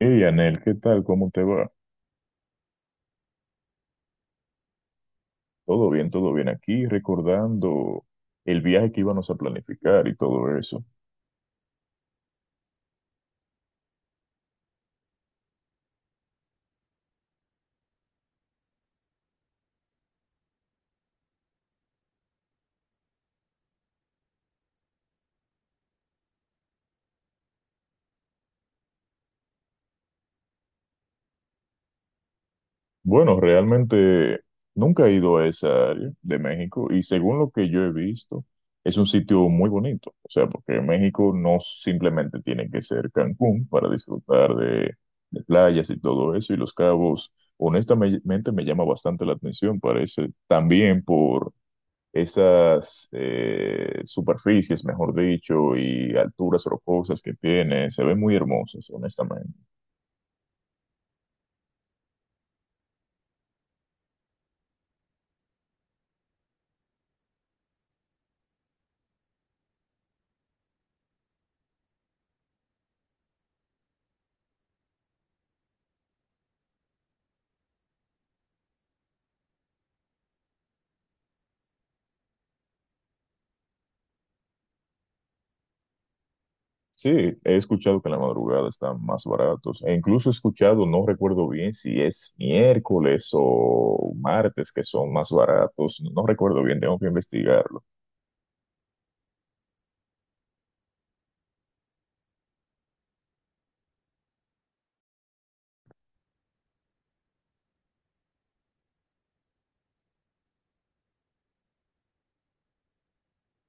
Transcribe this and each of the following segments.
Hey, Anel, ¿qué tal? ¿Cómo te va? Todo bien aquí, recordando el viaje que íbamos a planificar y todo eso. Bueno, realmente nunca he ido a esa área de México y según lo que yo he visto, es un sitio muy bonito. O sea, porque México no simplemente tiene que ser Cancún para disfrutar de playas y todo eso. Y Los Cabos, honestamente, me llama bastante la atención. Parece también por esas superficies, mejor dicho, y alturas rocosas que tiene, se ven muy hermosas, honestamente. Sí, he escuchado que en la madrugada están más baratos, e incluso he escuchado, no recuerdo bien si es miércoles o martes que son más baratos, no no recuerdo bien, tengo que investigarlo.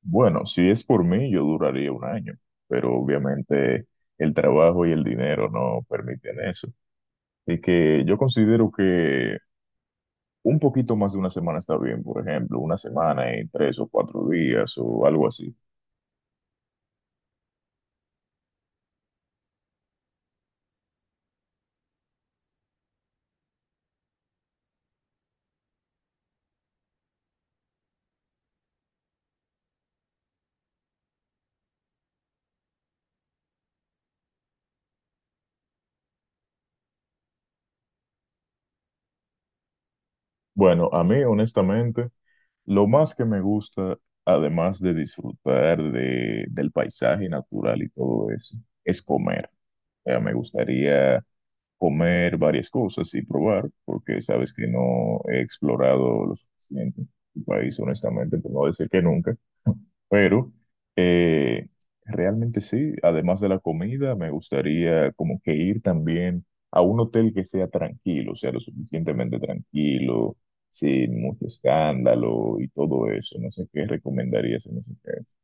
Bueno, si es por mí, yo duraría un año, pero obviamente el trabajo y el dinero no permiten eso. Y que yo considero que Un poquito más de una semana está bien, por ejemplo, una semana en tres o cuatro días o algo así. Bueno, a mí, honestamente, lo más que me gusta, además de disfrutar del paisaje natural y todo eso, es comer. Me gustaría comer varias cosas y probar, porque sabes que no he explorado lo suficiente el país, honestamente, por no decir que nunca. Pero eh, realmente sí, además de la comida, me gustaría como que ir también a un hotel que sea tranquilo, o sea, lo suficientemente tranquilo, sin mucho escándalo y todo eso. No sé qué recomendarías en ese caso.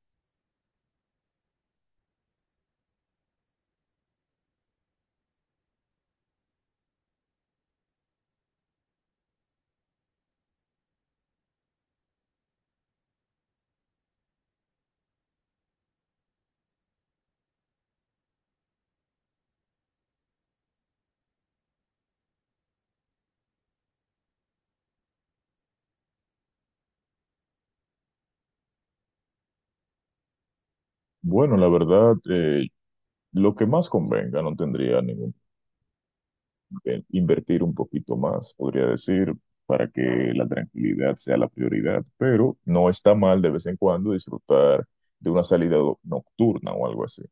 Bueno, la verdad, lo que más convenga, no tendría ningún problema. Invertir un poquito más, podría decir, para que la tranquilidad sea la prioridad, pero no está mal de vez en cuando disfrutar de una salida nocturna o algo así.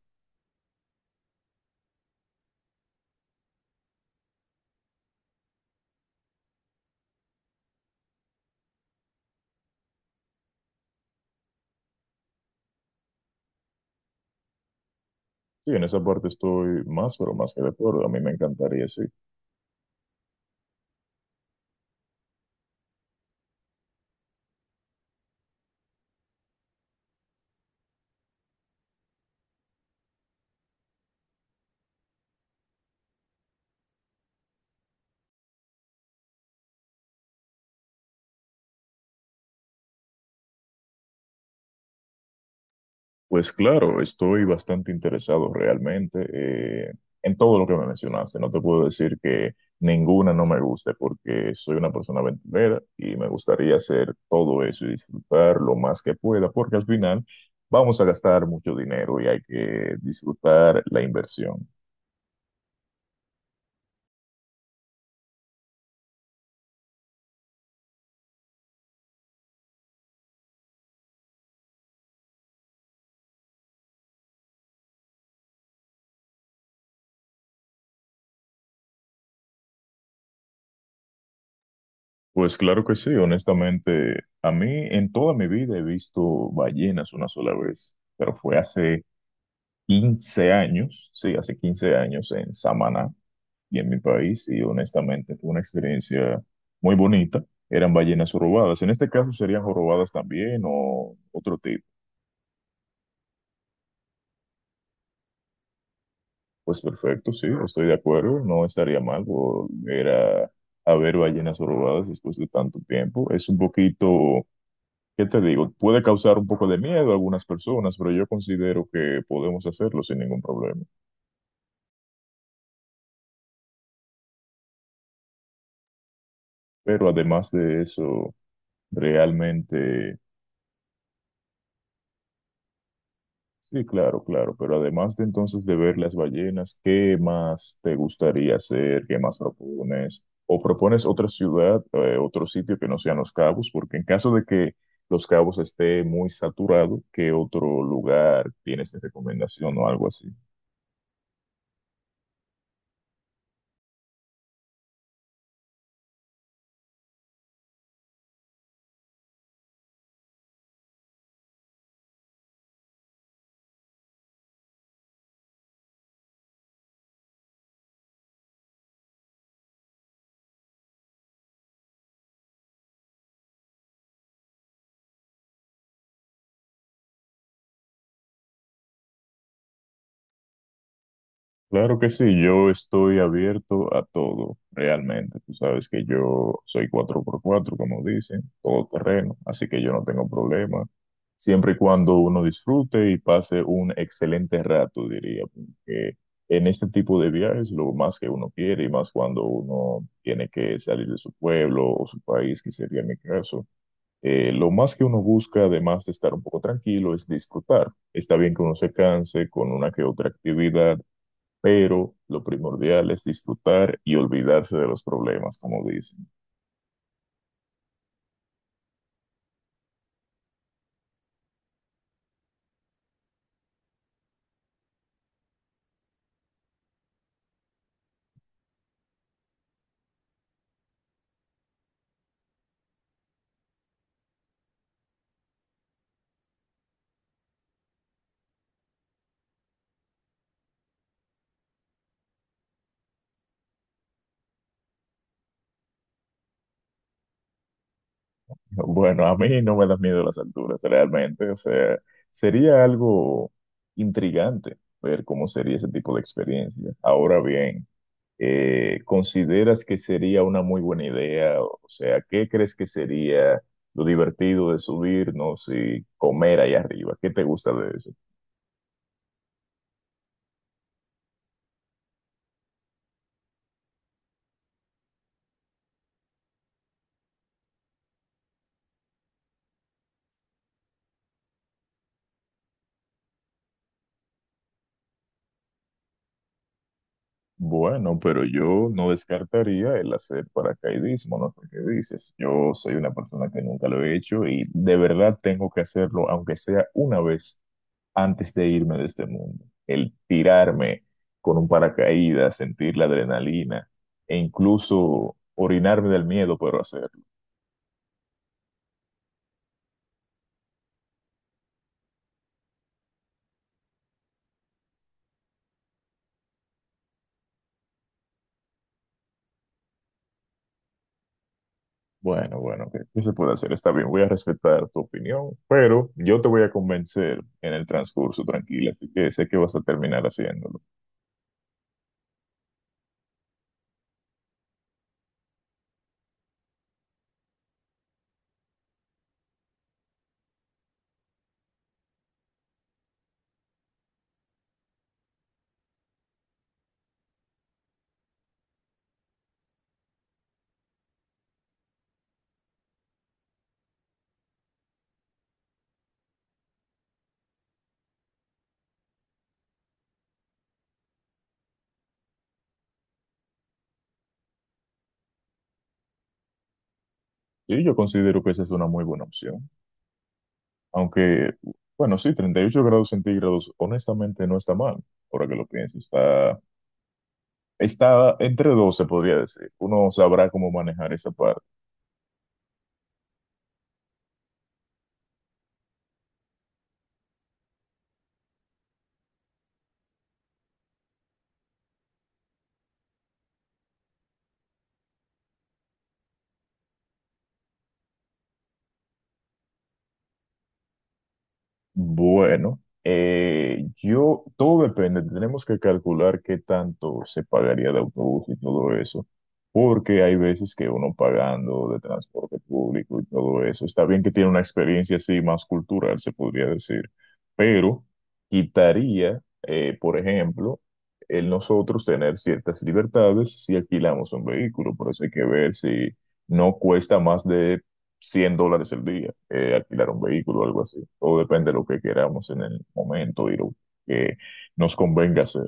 Sí, en esa parte estoy más, pero más que de acuerdo. A mí me encantaría, sí. Pues claro, estoy bastante interesado realmente en todo lo que me mencionaste. No te puedo decir que ninguna no me guste porque soy una persona aventurera y me gustaría hacer todo eso y disfrutar lo más que pueda, porque al final vamos a gastar mucho dinero y hay que disfrutar la inversión. Pues claro que sí, honestamente, a mí en toda mi vida he visto ballenas una sola vez, pero fue hace 15 años, sí, hace 15 años en Samaná y en mi país, y honestamente fue una experiencia muy bonita. Eran ballenas jorobadas. En este caso serían jorobadas también o otro tipo. Pues perfecto, sí, estoy de acuerdo, no estaría mal volver a ver ballenas jorobadas después de tanto tiempo. Es un poquito, ¿qué te digo? Puede causar un poco de miedo a algunas personas, pero yo considero que podemos hacerlo sin ningún problema. Pero además de eso, realmente sí, claro, claro, pero además de entonces de ver las ballenas, ¿qué más te gustaría hacer? ¿Qué más propones? ¿O propones otra ciudad, otro sitio que no sean Los Cabos? Porque en caso de que Los Cabos esté muy saturado, ¿qué otro lugar tienes de recomendación o algo así? Claro que sí, yo estoy abierto a todo, realmente. Tú sabes que yo soy cuatro por cuatro, como dicen, todo terreno, así que yo no tengo problema, siempre y cuando uno disfrute y pase un excelente rato, diría, porque en este tipo de viajes lo más que uno quiere y más cuando uno tiene que salir de su pueblo o su país, que sería mi caso, lo más que uno busca, además de estar un poco tranquilo, es disfrutar. Está bien que uno se canse con una que otra actividad, pero lo primordial es disfrutar y olvidarse de los problemas, como dicen. Bueno, a mí no me da miedo las alturas, realmente, o sea, sería algo intrigante ver cómo sería ese tipo de experiencia. Ahora bien, ¿consideras que sería una muy buena idea? O sea, ¿qué crees que sería lo divertido de subirnos y comer ahí arriba? ¿Qué te gusta de eso? Bueno, pero yo no descartaría el hacer paracaidismo, no sé qué dices. Yo soy una persona que nunca lo he hecho y de verdad tengo que hacerlo, aunque sea una vez antes de irme de este mundo. El tirarme con un paracaídas, sentir la adrenalina e incluso orinarme del miedo, pero hacerlo. Bueno, bueno, ¿qué se puede hacer? Está bien, voy a respetar tu opinión, pero yo te voy a convencer en el transcurso, tranquila, así que sé que vas a terminar haciéndolo. Sí, yo considero que esa es una muy buena opción. Aunque, bueno, sí, 38 grados centígrados, honestamente no está mal, ahora que lo pienso. Está entre dos, se podría decir. Uno sabrá cómo manejar esa parte. Bueno, yo, todo depende, tenemos que calcular qué tanto se pagaría de autobús y todo eso, porque hay veces que uno pagando de transporte público y todo eso, está bien que tiene una experiencia así más cultural, se podría decir, pero quitaría, por ejemplo, el nosotros tener ciertas libertades si alquilamos un vehículo, por eso hay que ver si no cuesta más de 100 dólares el día, alquilar un vehículo o algo así. Todo depende de lo que queramos en el momento y lo que nos convenga hacer.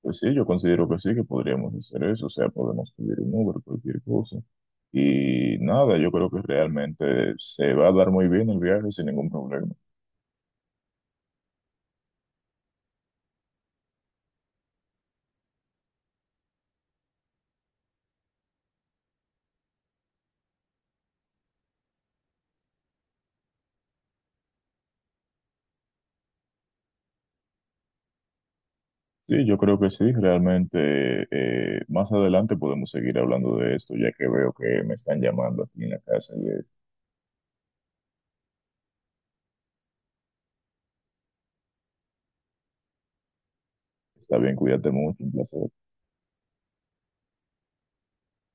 Pues sí, yo considero que sí, que podríamos hacer eso, o sea, podemos pedir un Uber, cualquier cosa. Y nada, yo creo que realmente se va a dar muy bien el viaje sin ningún problema. Sí, yo creo que sí, realmente más adelante podemos seguir hablando de esto, ya que veo que me están llamando aquí en la casa. Está bien, cuídate mucho, un placer.